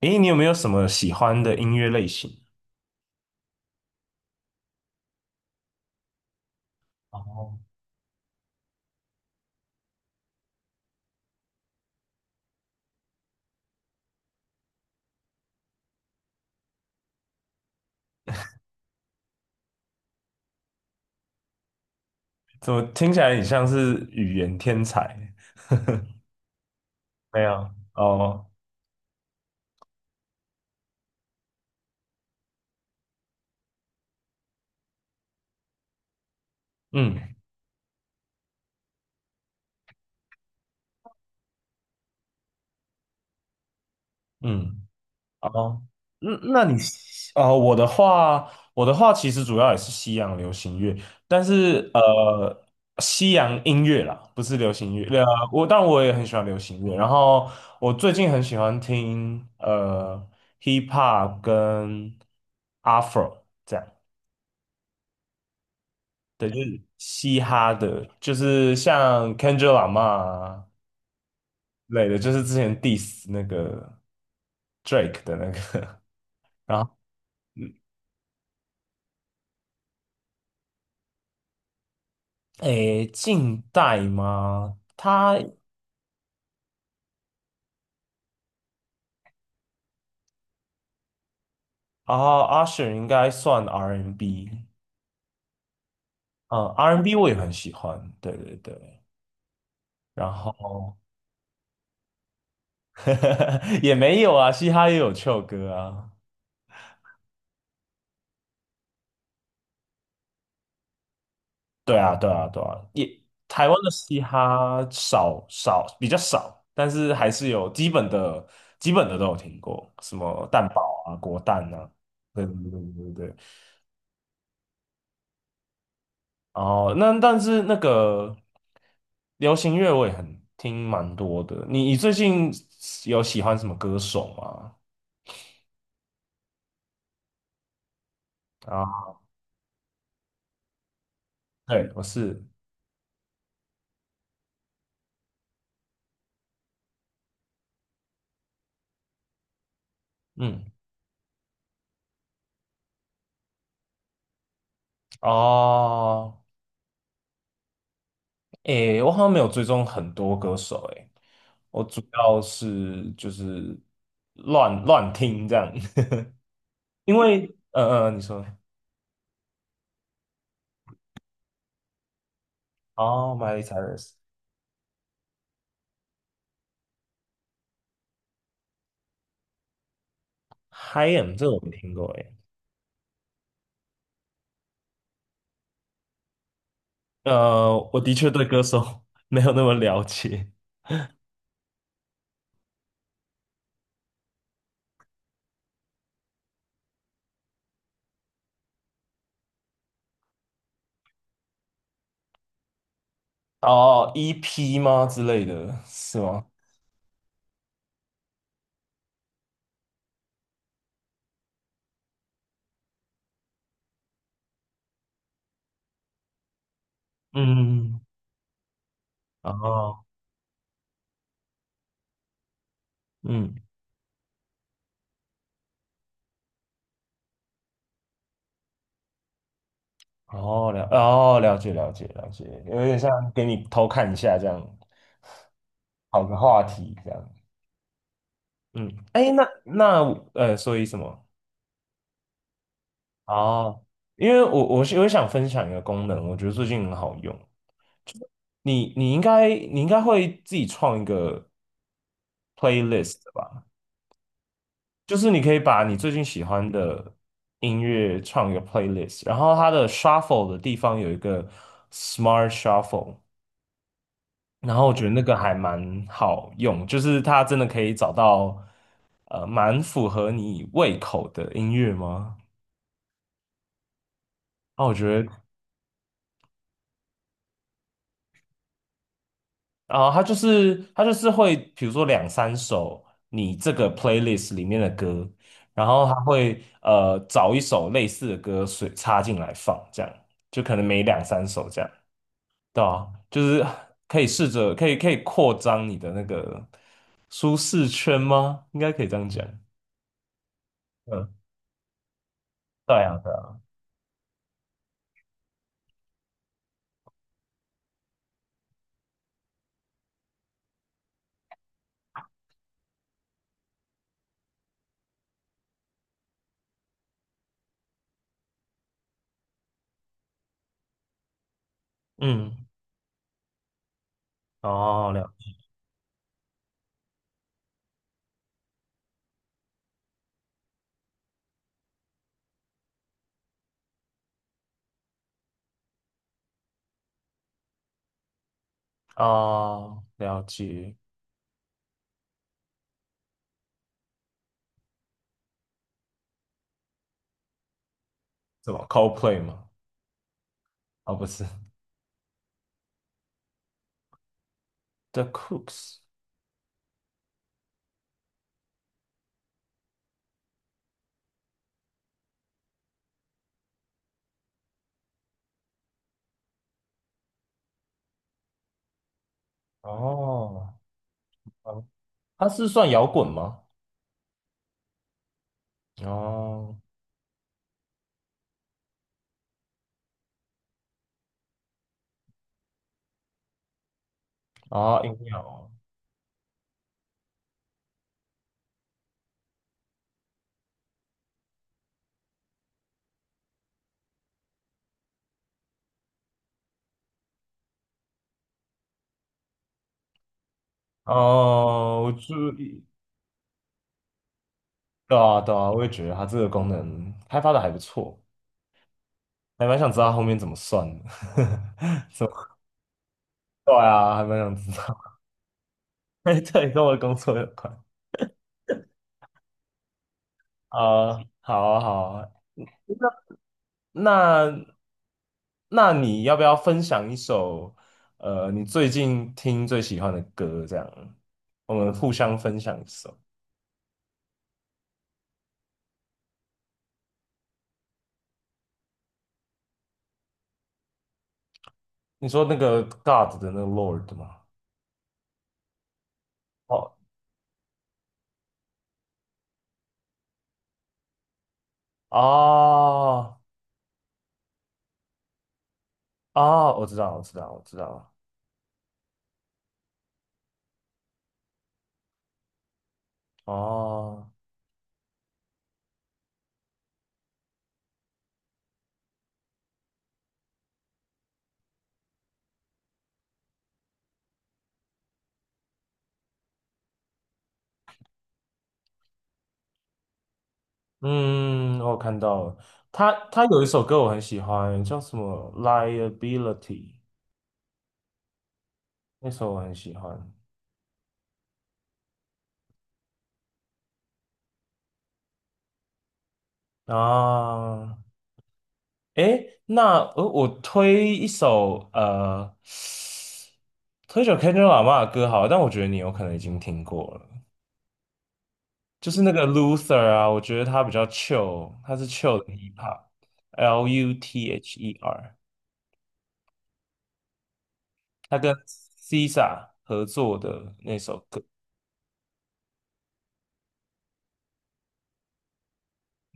诶，你有没有什么喜欢的音乐类型？哦，怎么听起来你像是语言天才？没有，哦，嗯嗯，哦，那那你哦，我的话其实主要也是西洋流行乐，但是西洋音乐啦，不是流行乐。我当然我也很喜欢流行乐，然后我最近很喜欢听hip hop 跟 afro 这样。对，就是嘻哈的，就是像 Kendrick Lamar 啊之类的，就是之前 diss 那个 Drake 的那个，然后嗯诶，近代吗？他啊，Usher 应该算 R&B，N 嗯，R&B N 我也很喜欢，对对对，然后 也没有啊，嘻哈也有 c h 歌啊，对啊，对啊，对啊，也台湾的嘻哈比较少，但是还是有基本的都有听过，什么蛋堡啊、果蛋啊，对对对对对对。哦，那但是那个流行乐我也很听蛮多的，你最近有喜欢什么歌手吗？啊，对，我是嗯哦。诶，我好像没有追踪很多歌手，诶，我主要是就是乱乱听这样，因为你说哦，Miley Cyrus，Hi m 这个我没听过，诶，我的确对歌手 没有那么了解，哦，EP 吗之类的是吗？嗯，哦，嗯，哦了解了解了解，有点像给你偷看一下这样，好个话题这样。嗯，哎，那所以什么？哦，因为我想分享一个功能，我觉得最近很好用。你应该会自己创一个 playlist 的吧？就是你可以把你最近喜欢的音乐创一个 playlist,然后它的 shuffle 的地方有一个 smart shuffle,然后我觉得那个还蛮好用，就是它真的可以找到蛮符合你胃口的音乐吗？那我觉得然后他就是会，比如说两三首你这个 playlist 里面的歌，然后他会找一首类似的歌随插进来放，这样就可能每两三首这样，对啊，就是可以试着可以扩张你的那个舒适圈吗？应该可以这样讲。嗯，对啊，对啊，嗯，哦了哦了解，什么 Coldplay 吗？哦，不是 The Cooks。哦，哦它是算摇滚吗？哦，啊，音乐哦，哦，我注意，对啊，对啊，我也觉得它这个功能开发的还不错，还蛮想知道它后面怎么算的，怎么对啊，还蛮想知道，哎对，跟我的工作有关啊，好啊，好啊，那那你要不要分享一首你最近听最喜欢的歌？这样，我们互相分享一首。你说那个 God 的那个 Lord 吗？哦哦，我知道，我知道，我知道了。哦，嗯，我看到了。他有一首歌我很喜欢，叫什么《Liability》,那首我很喜欢。啊，诶，那我推一首 Kendrick Lamar 的歌好了但我觉得你有可能已经听过了，就是那个 Luther 啊，我觉得他比较 chill,他是 chill 的 hip hop，Luther。他跟 SZA 合作的那首歌，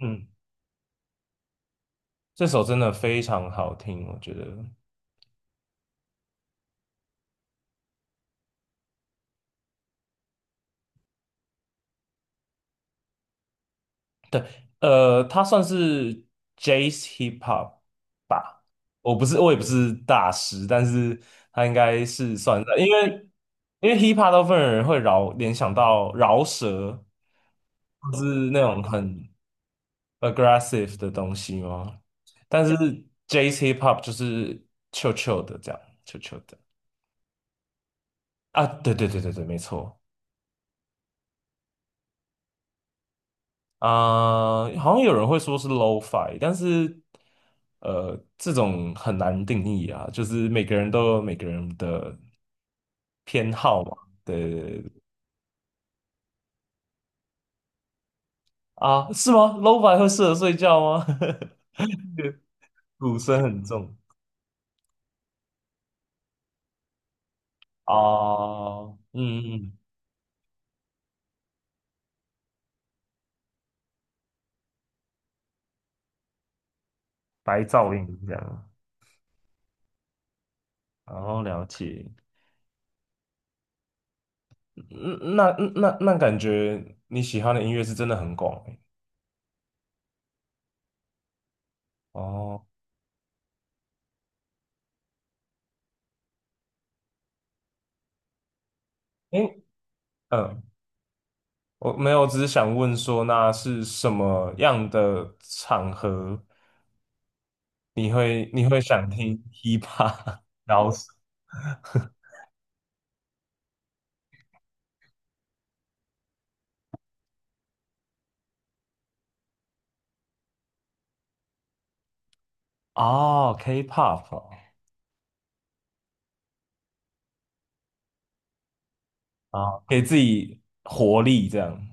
嗯，这首真的非常好听，我觉得，他算是 Jazz Hip Hop 吧，我不是，我也不是大师，但是他应该是算在因为 Hip Hop 大部分人会联想到饶舌，或是那种很 aggressive 的东西哦。但是 Jazz Hip Hop 就是 c h 的这样 c h 的啊，对对对对对，没错。啊、好像有人会说是 lo-fi，但是这种很难定义啊，就是每个人都有每个人的偏好嘛。对对对对啊，是吗？lo-fi 会适合睡觉吗？鼓声很重啊，嗯嗯，白噪音这样，然后了解。嗯那感觉你喜欢的音乐是真的很广欸哦，诶，嗯我没有，只是想问说，那是什么样的场合你会想听 hip hop 饶舌？哦，K-pop 哦，啊，给自己活力这样。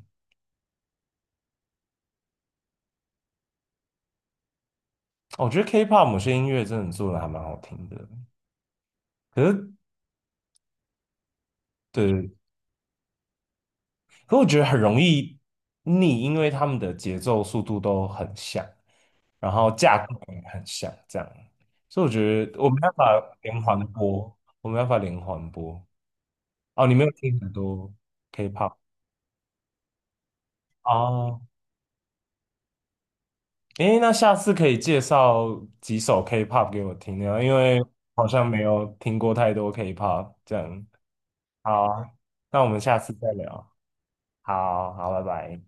我觉得 K-pop 某些音乐真的做的还蛮好听的，可是对，可是我觉得很容易腻，因为他们的节奏速度都很像，然后架构也很像，这样，所以我觉得我们要把连环播，我们要把连环播。哦，你没有听很多 K-pop 哦，诶，那下次可以介绍几首 K-pop 给我听呢？因为好像没有听过太多 K-pop 这样。好啊，那我们下次再聊。好好，拜拜。